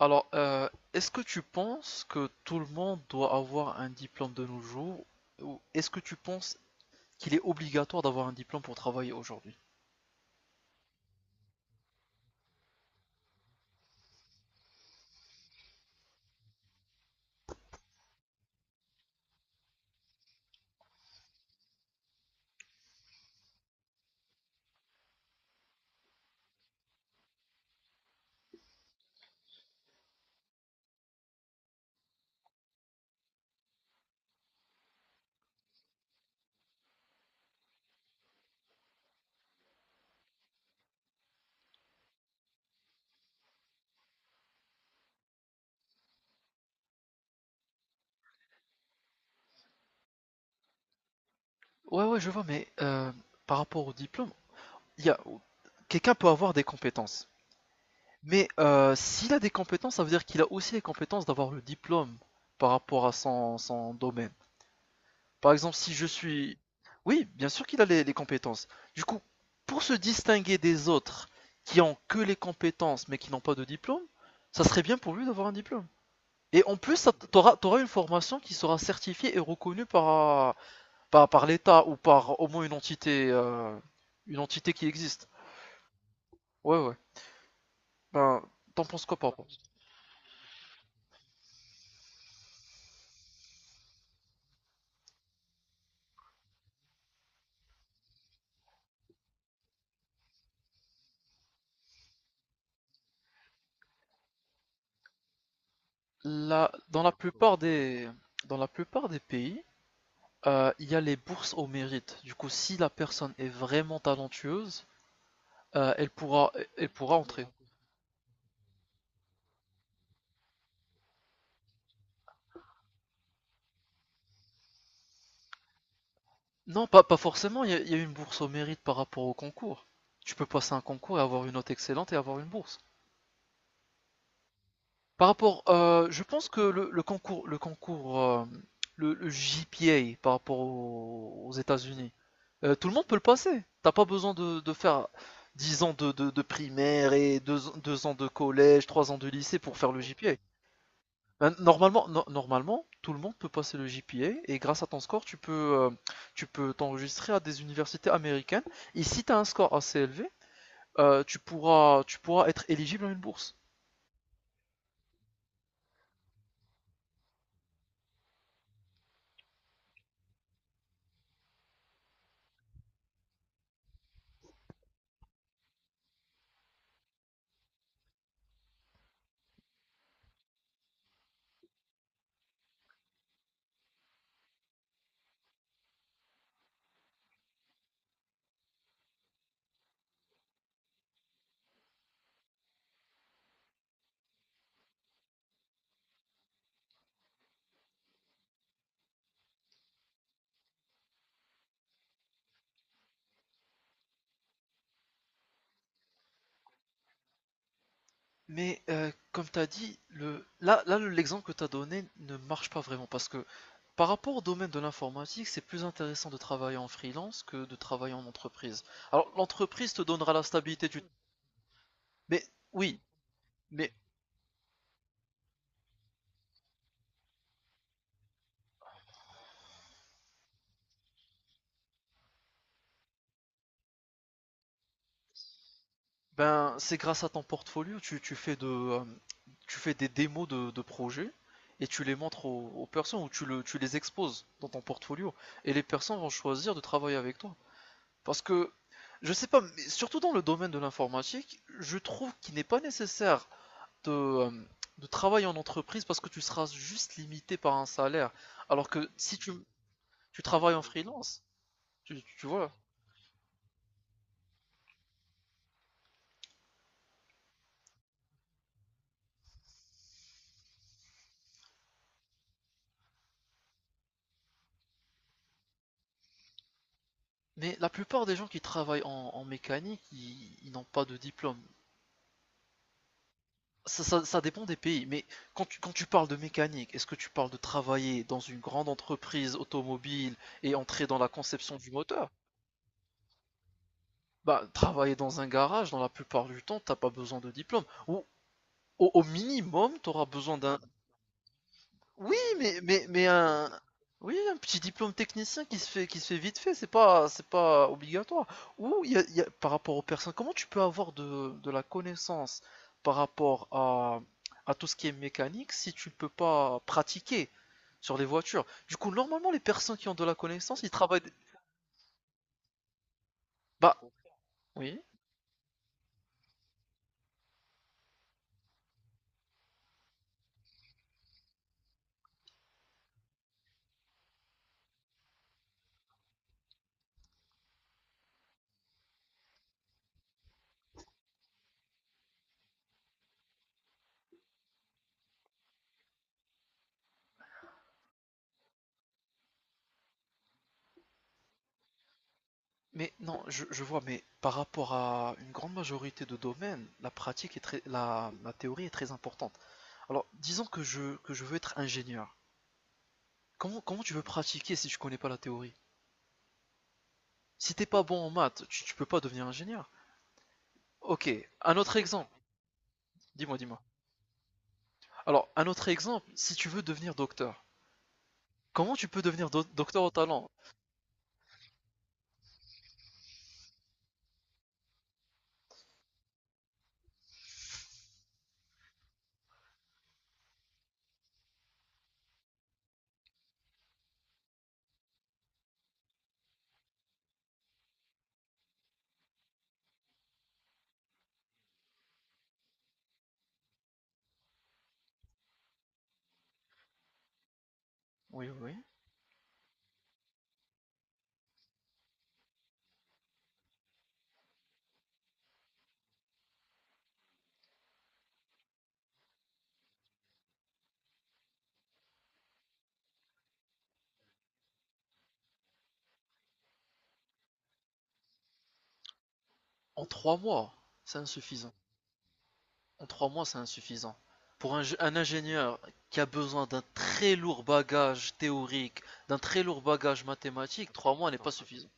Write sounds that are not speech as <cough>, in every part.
Alors, est-ce que tu penses que tout le monde doit avoir un diplôme de nos jours, ou est-ce que tu penses qu'il est obligatoire d'avoir un diplôme pour travailler aujourd'hui? Ouais, ouais, je vois, mais par rapport au diplôme, il y a quelqu'un peut avoir des compétences, mais s'il a des compétences, ça veut dire qu'il a aussi les compétences d'avoir le diplôme par rapport à son domaine. Par exemple, si je suis... Oui, bien sûr qu'il a les compétences. Du coup, pour se distinguer des autres qui ont que les compétences mais qui n'ont pas de diplôme, ça serait bien pour lui d'avoir un diplôme. Et en plus, tu auras t'auras une formation qui sera certifiée et reconnue par l'État ou par au moins une entité qui existe. Ouais, ouais. Ben, t'en penses quoi par rapport à ça. Dans la plupart dans la plupart des pays, il y a les bourses au mérite. Du coup, si la personne est vraiment talentueuse, Euh, elle pourra, elle pourra entrer. Non, pas forcément. Y a une bourse au mérite par rapport au concours. Tu peux passer un concours et avoir une note excellente et avoir une bourse. Par rapport, je pense que le concours, le GPA par rapport aux États-Unis, tout le monde peut le passer. T'as pas besoin de faire 10 ans de primaire et deux ans de collège, 3 ans de lycée pour faire le GPA. Ben, normalement, no- normalement, tout le monde peut passer le GPA et grâce à ton score, tu peux t'enregistrer à des universités américaines. Et si tu as un score assez élevé, tu pourras être éligible à une bourse. Mais comme tu as dit, là, l'exemple que tu as donné ne marche pas vraiment parce que par rapport au domaine de l'informatique, c'est plus intéressant de travailler en freelance que de travailler en entreprise. Alors, l'entreprise te donnera la stabilité du... Mais oui, mais ben, c'est grâce à ton portfolio, tu fais de, tu fais des démos de projets et tu les montres aux personnes ou tu les exposes dans ton portfolio et les personnes vont choisir de travailler avec toi. Parce que, je sais pas, mais surtout dans le domaine de l'informatique, je trouve qu'il n'est pas nécessaire de, euh, de travailler en entreprise parce que tu seras juste limité par un salaire. Alors que si tu, tu travailles en freelance, tu vois. Mais la plupart des gens qui travaillent en mécanique, ils n'ont pas de diplôme. Ça dépend des pays, mais quand quand tu parles de mécanique, est-ce que tu parles de travailler dans une grande entreprise automobile et entrer dans la conception du moteur? Bah, travailler dans un garage, dans la plupart du temps, t'as pas besoin de diplôme. Ou au minimum, tu auras besoin d'un. Oui, mais un, oui, un petit diplôme technicien qui se fait vite fait, c'est pas obligatoire. Ou il y a- Par rapport aux personnes, comment tu peux avoir de la connaissance par rapport à tout ce qui est mécanique si tu ne peux pas pratiquer sur les voitures? Du coup, normalement, les personnes qui ont de la connaissance, ils travaillent. Bah, oui, non, je vois, mais par rapport à une grande majorité de domaines, la théorie est très importante. Alors, disons que que je veux être ingénieur. Comment tu veux pratiquer si tu connais pas la théorie? Si t'es pas bon en maths, tu peux pas devenir ingénieur. Ok, un autre exemple. Dis-moi, dis-moi. Alors, un autre exemple, si tu veux devenir docteur, comment tu peux docteur au talent? Oui, oui, oui. En trois mois, c'est insuffisant. En trois mois, c'est insuffisant. Pour un ingénieur qui a besoin d'un très lourd bagage théorique, d'un très lourd bagage mathématique, trois mois n'est pas suffisant.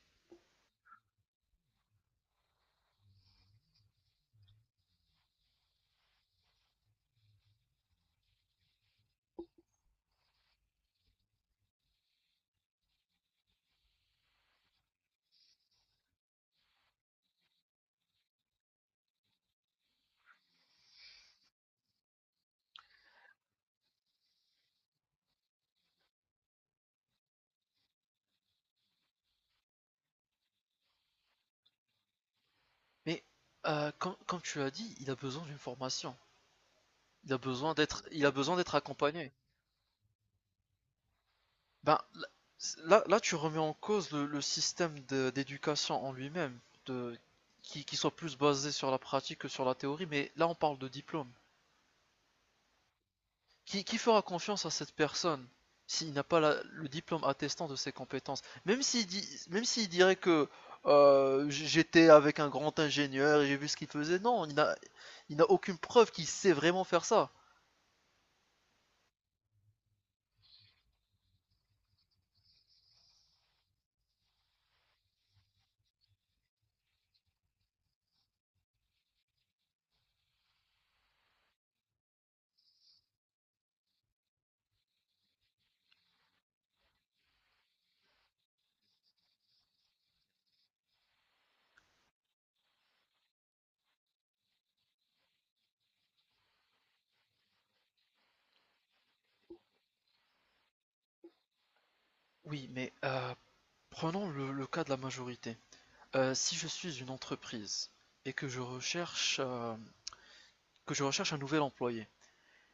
Mais comme tu as dit, il a besoin d'une formation. Il a besoin il a besoin d'être accompagné. Ben, là, tu remets en cause le système d'éducation en lui-même, de, qui soit plus basé sur la pratique que sur la théorie, mais là, on parle de diplôme. Qui fera confiance à cette personne s'il n'a pas le diplôme attestant de ses compétences? Même s'il dit, même s'il dirait que j'étais avec un grand ingénieur et j'ai vu ce qu'il faisait, non, il n'a aucune preuve qu'il sait vraiment faire ça. Oui, mais prenons le cas de la majorité. Si je suis une entreprise et que je recherche un nouvel employé,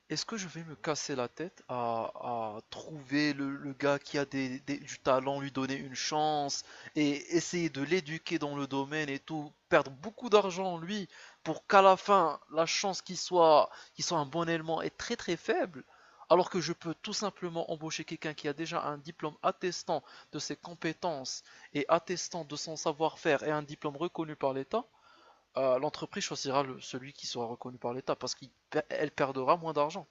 est-ce que je vais me casser la tête à trouver le gars qui a du talent, lui donner une chance et essayer de l'éduquer dans le domaine et tout, perdre beaucoup d'argent lui pour qu'à la fin la chance qu'il soit un bon élément est très très faible, alors que je peux tout simplement embaucher quelqu'un qui a déjà un diplôme attestant de ses compétences et attestant de son savoir-faire et un diplôme reconnu par l'État, l'entreprise choisira celui qui sera reconnu par l'État parce qu'elle perdra moins d'argent.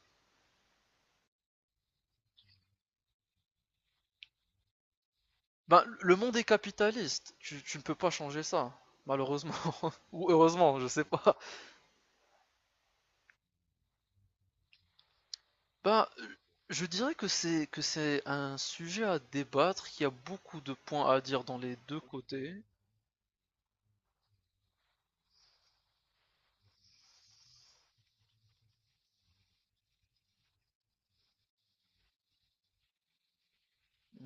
Ben, le monde est capitaliste, tu ne peux pas changer ça, malheureusement. <laughs> Ou heureusement, je sais pas. Ben, je dirais que c'est un sujet à débattre, qu'il y a beaucoup de points à dire dans les deux côtés.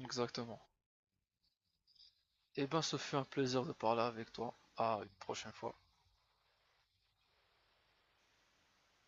Exactement. Et ben, ce fut un plaisir de parler avec toi. À une prochaine fois.